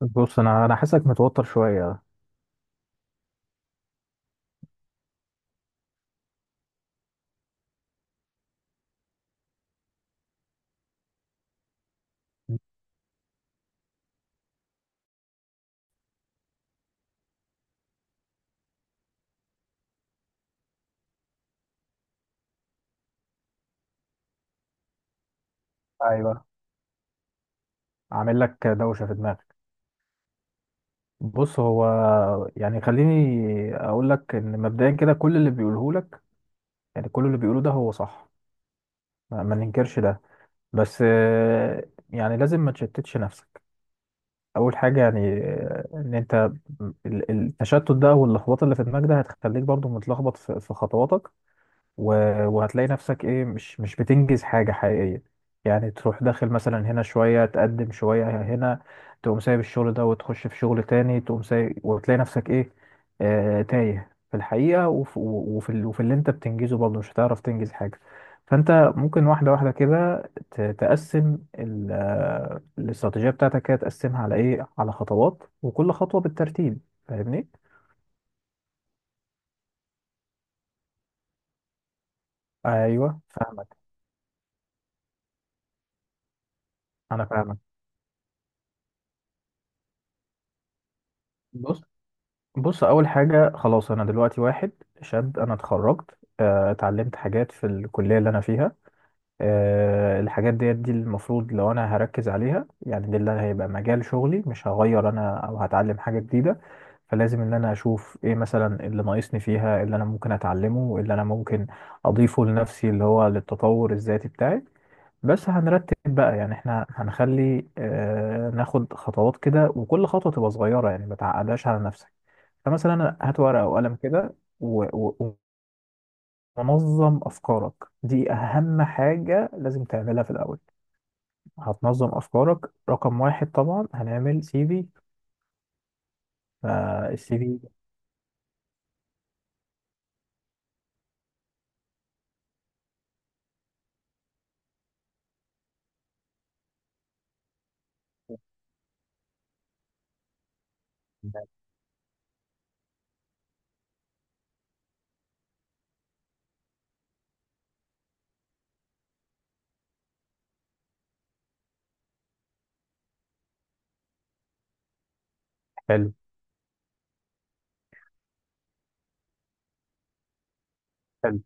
بص، انا حاسسك متوتر شويه. ايوه، عامل لك دوشه في دماغك. بص، هو يعني خليني اقول لك ان مبدئيا كده كل اللي بيقوله لك يعني كل اللي بيقوله ده هو صح. ما ننكرش ده. بس يعني لازم ما تشتتش نفسك. اول حاجه، يعني ان انت التشتت ده واللخبطه اللي في دماغك ده هتخليك برضو متلخبط في خطواتك. وهتلاقي نفسك ايه، مش بتنجز حاجة حقيقية. يعني تروح داخل مثلا هنا شوية، تقدم شوية هنا، تقوم سايب الشغل ده وتخش في شغل تاني، تقوم سايب وتلاقي نفسك ايه، تايه في الحقيقة. وفي اللي انت بتنجزه برضه مش هتعرف تنجز حاجة. فانت ممكن واحدة واحدة كده تقسم الاستراتيجية بتاعتك، كده تقسمها على ايه، على خطوات وكل خطوة بالترتيب. فاهمني؟ ايوه، فاهمك. انا فاهمك. بص، بص، اول حاجه خلاص. انا دلوقتي واحد شاب، انا اتخرجت، اتعلمت حاجات في الكليه اللي انا فيها. الحاجات دي المفروض لو انا هركز عليها، يعني دي اللي هيبقى مجال شغلي، مش هغير انا او هتعلم حاجه جديده. فلازم ان انا اشوف ايه مثلا اللي ناقصني فيها، اللي انا ممكن اتعلمه، اللي انا ممكن اضيفه لنفسي اللي هو للتطور الذاتي بتاعي. بس هنرتب بقى، يعني احنا هنخلي ناخد خطوات كده، وكل خطوه تبقى صغيره، يعني ما تعقدهاش على نفسك. فمثلا هات ورقة وقلم كده ومنظم أفكارك. دي أهم حاجة لازم تعملها في الأول. هتنظم أفكارك. رقم واحد، طبعا هنعمل CV. فالسي في حلو. حلو.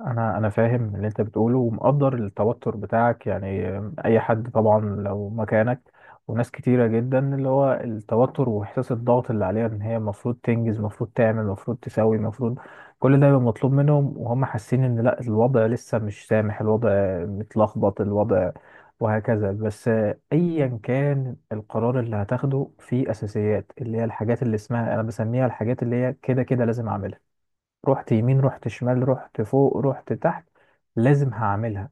انا فاهم اللي انت بتقوله ومقدر التوتر بتاعك يعني. اي حد طبعا لو مكانك، وناس كتيرة جدا اللي هو التوتر واحساس الضغط اللي عليها ان هي المفروض تنجز، المفروض تعمل، المفروض تسوي، المفروض كل ده يبقى مطلوب منهم، وهم حاسين ان لا، الوضع لسه مش سامح، الوضع متلخبط، الوضع وهكذا. بس ايا كان القرار اللي هتاخده، فيه اساسيات، اللي هي الحاجات اللي اسمها انا بسميها الحاجات اللي هي كده كده لازم اعملها. رحت يمين، رحت شمال، رحت فوق، رحت تحت، لازم هعملها.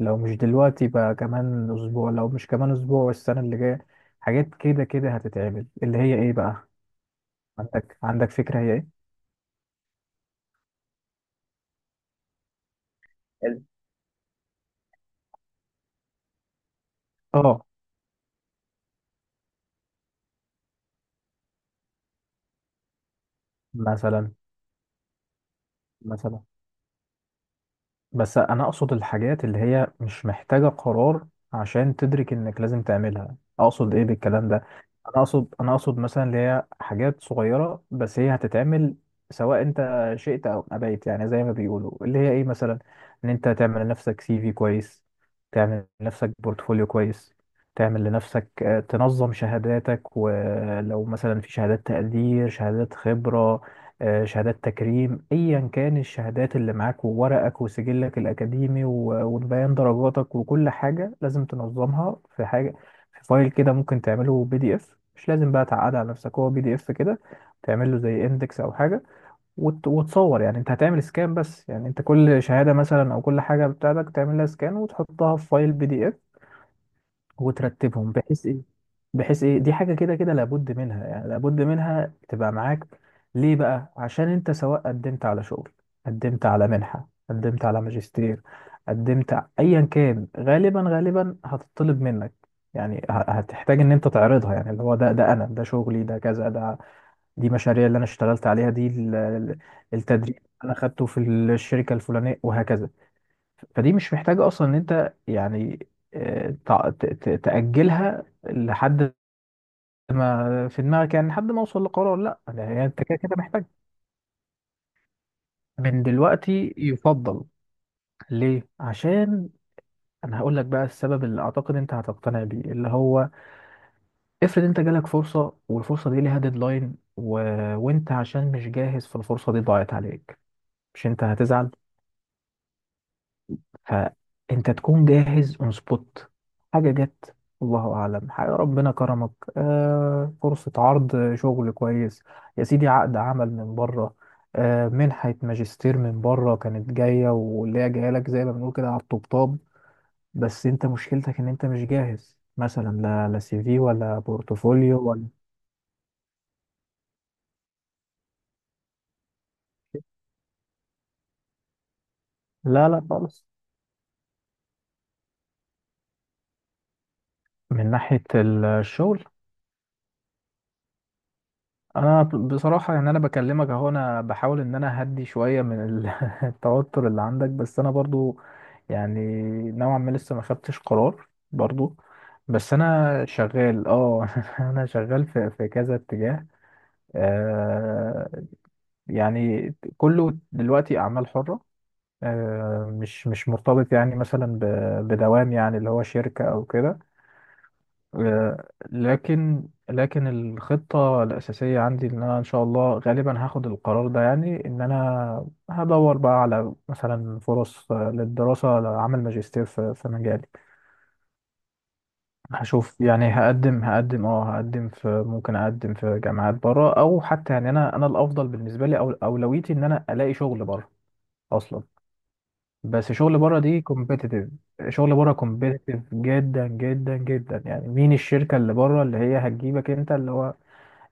لو مش دلوقتي بقى كمان اسبوع، لو مش كمان اسبوع والسنة اللي جاية. حاجات كده كده هتتعمل اللي هي ايه بقى؟ عندك فكرة هي ايه؟ اه. مثلا. مثلا. بس انا اقصد الحاجات اللي هي مش محتاجة قرار عشان تدرك انك لازم تعملها. اقصد ايه بالكلام ده؟ انا اقصد مثلا اللي هي حاجات صغيرة بس هي هتتعمل سواء انت شئت او ابيت. يعني زي ما بيقولوا، اللي هي ايه مثلا، ان انت تعمل لنفسك CV كويس، تعمل لنفسك بورتفوليو كويس، تعمل لنفسك تنظم شهاداتك. ولو مثلا في شهادات تقدير، شهادات خبرة، شهادات تكريم، ايا كان الشهادات اللي معاك، وورقك وسجلك الاكاديمي وبيان درجاتك، وكل حاجه لازم تنظمها في حاجه، في فايل كده. ممكن تعمله PDF، مش لازم بقى تعقد على نفسك، هو PDF كده. تعمل له زي اندكس او حاجه. وتصور، يعني انت هتعمل سكان، بس يعني انت كل شهاده مثلا او كل حاجه بتاعتك تعمل لها سكان وتحطها في فايل PDF، وترتبهم بحيث ايه. بحيث ايه، دي حاجه كده كده لابد منها، يعني لابد منها تبقى معاك. ليه بقى؟ عشان انت سواء قدمت على شغل، قدمت على منحه، قدمت على ماجستير، قدمت ايا كان، غالبا هتطلب منك. يعني هتحتاج ان انت تعرضها. يعني اللي هو ده انا، ده شغلي، ده كذا، ده دي مشاريع اللي انا اشتغلت عليها، دي التدريب اللي انا خدته في الشركه الفلانيه وهكذا. فدي مش محتاجة أصلا إن أنت يعني تأجلها لحد ما في دماغك، يعني لحد ما أوصل لقرار. لأ، يعني أنت كده كده محتاج من دلوقتي يفضل. ليه؟ عشان أنا هقول لك بقى السبب اللي أعتقد أنت هتقتنع بيه، اللي هو افرض أنت جالك فرصة، والفرصة دي ليها ديدلاين، وأنت عشان مش جاهز، فالفرصة دي ضاعت عليك. مش أنت هتزعل؟ فانت تكون جاهز اون سبوت. حاجه جت، الله اعلم، حاجه ربنا كرمك، فرصه عرض شغل كويس، يا سيدي عقد عمل من بره، منحه ماجستير من بره كانت جايه، واللي هي جايه لك زي ما بنقول كده على الطبطاب. بس انت مشكلتك ان انت مش جاهز، مثلا لا، لا CV ولا بورتفوليو ولا لا، لا خالص. من ناحيه الشغل انا بصراحه يعني انا بكلمك اهو، انا بحاول ان انا اهدي شويه من التوتر اللي عندك. بس انا برضو يعني نوعا ما لسه ما خدتش قرار برضو. بس انا شغال اه انا شغال في كذا اتجاه. آه، يعني كله دلوقتي اعمال حره. مش مرتبط يعني مثلا بدوام يعني اللي هو شركه او كده. لكن الخطة الأساسية عندي إن أنا إن شاء الله غالبا هاخد القرار ده. يعني إن أنا هدور بقى على مثلا فرص للدراسة، لعمل ماجستير في مجالي. هشوف، يعني هقدم هقدم اه هقدم في ممكن أقدم في جامعات بره، أو حتى يعني أنا الأفضل بالنسبة لي أو أولويتي إن أنا ألاقي شغل بره أصلا. بس شغل بره دي كومبيتيتيف. شغل بره كومبيتيتيف جدا جدا جدا. يعني مين الشركة اللي بره اللي هي هتجيبك أنت، اللي هو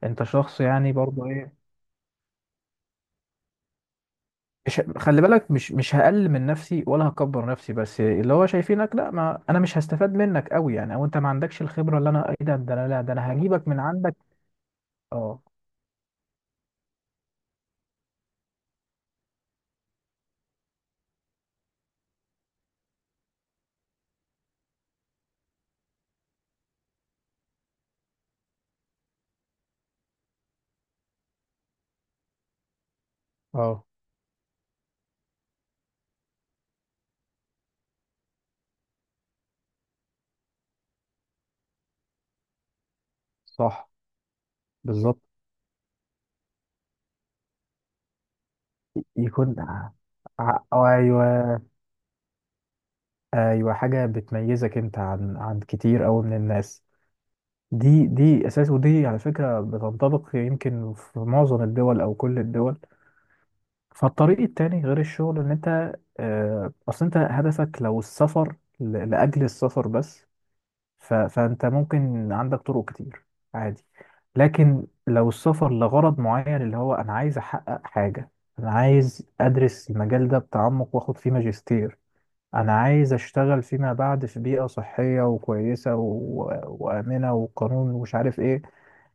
انت شخص يعني برضه ايه، مش خلي بالك، مش هقلل من نفسي ولا هكبر نفسي، بس اللي هو شايفينك، لا، ما انا مش هستفاد منك قوي يعني، او انت ما عندكش الخبره، اللي انا ايه، ده انا، لا، ده انا هجيبك من عندك. اه، اه، صح، بالظبط، يكون ايوه. ايوه، حاجه بتميزك انت عن كتير قوي من الناس. دي اساس، ودي على فكره بتنطبق يمكن في معظم الدول او كل الدول. فالطريق التاني غير الشغل ان انت اصل انت هدفك لو السفر لاجل السفر بس، فانت ممكن عندك طرق كتير. عادي. لكن لو السفر لغرض معين، اللي هو انا عايز احقق حاجة، انا عايز ادرس المجال ده بتعمق واخد فيه ماجستير، انا عايز اشتغل فيما بعد في بيئة صحية وكويسة وآمنة وقانون، ومش عارف ايه.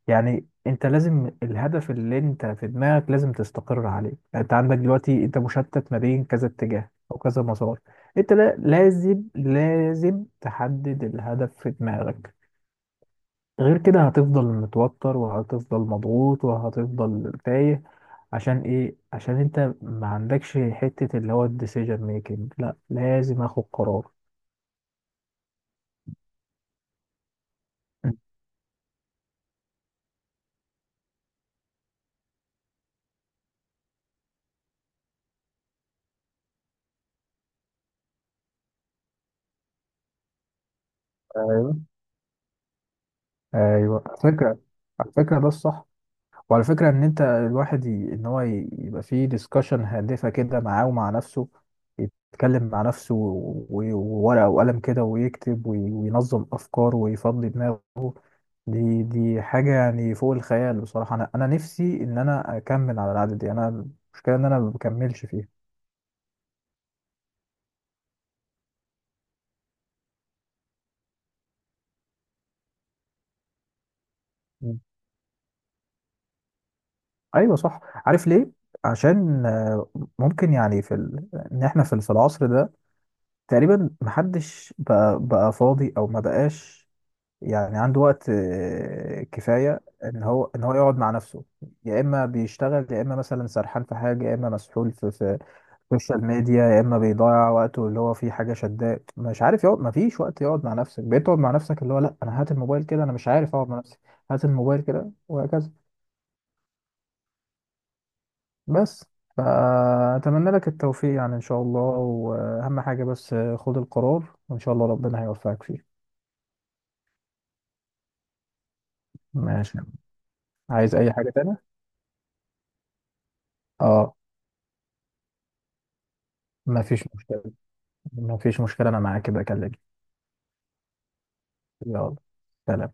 يعني انت لازم الهدف اللي انت في دماغك لازم تستقر عليه. يعني انت عندك دلوقتي انت مشتت ما بين كذا اتجاه او كذا مسار. انت، لا، لازم لازم تحدد الهدف في دماغك. غير كده هتفضل متوتر وهتفضل مضغوط وهتفضل تايه. عشان ايه؟ عشان انت ما عندكش حتة اللي هو الديسيجن ميكنج. لا، لازم اخد قرار. ايوه، ايوه، على فكره، على فكره ده الصح. وعلى فكره ان انت الواحد ان هو يبقى فيه ديسكشن هادفه كده معاه ومع نفسه، يتكلم مع نفسه وورقه وقلم كده ويكتب وينظم افكاره ويفضي دماغه. دي حاجه يعني فوق الخيال بصراحه. انا نفسي ان انا اكمل على العاده دي. انا المشكله ان انا ما بكملش فيها. مم. ايوه، صح. عارف ليه؟ عشان ممكن يعني ان احنا في العصر ده تقريبا محدش بقى فاضي، او ما بقاش يعني عنده وقت كفاية ان هو يقعد مع نفسه. يا اما بيشتغل، يا اما مثلا سرحان في حاجة، يا اما مسحول في السوشيال ميديا، يا اما بيضيع وقته اللي هو في حاجة شداه، مش عارف يقعد. ما فيش وقت يقعد مع نفسك. بتقعد مع نفسك اللي هو لا، انا هات الموبايل كده، انا مش عارف اقعد مع نفسي. هات الموبايل كده وهكذا. بس فأتمنى لك التوفيق يعني إن شاء الله، وأهم حاجة بس خد القرار، وإن شاء الله ربنا هيوفقك فيه. ماشي. عايز اي حاجة تانية؟ اه. مفيش مشكلة، مفيش مشكلة، انا معاك كده اكلمك. يلا، سلام.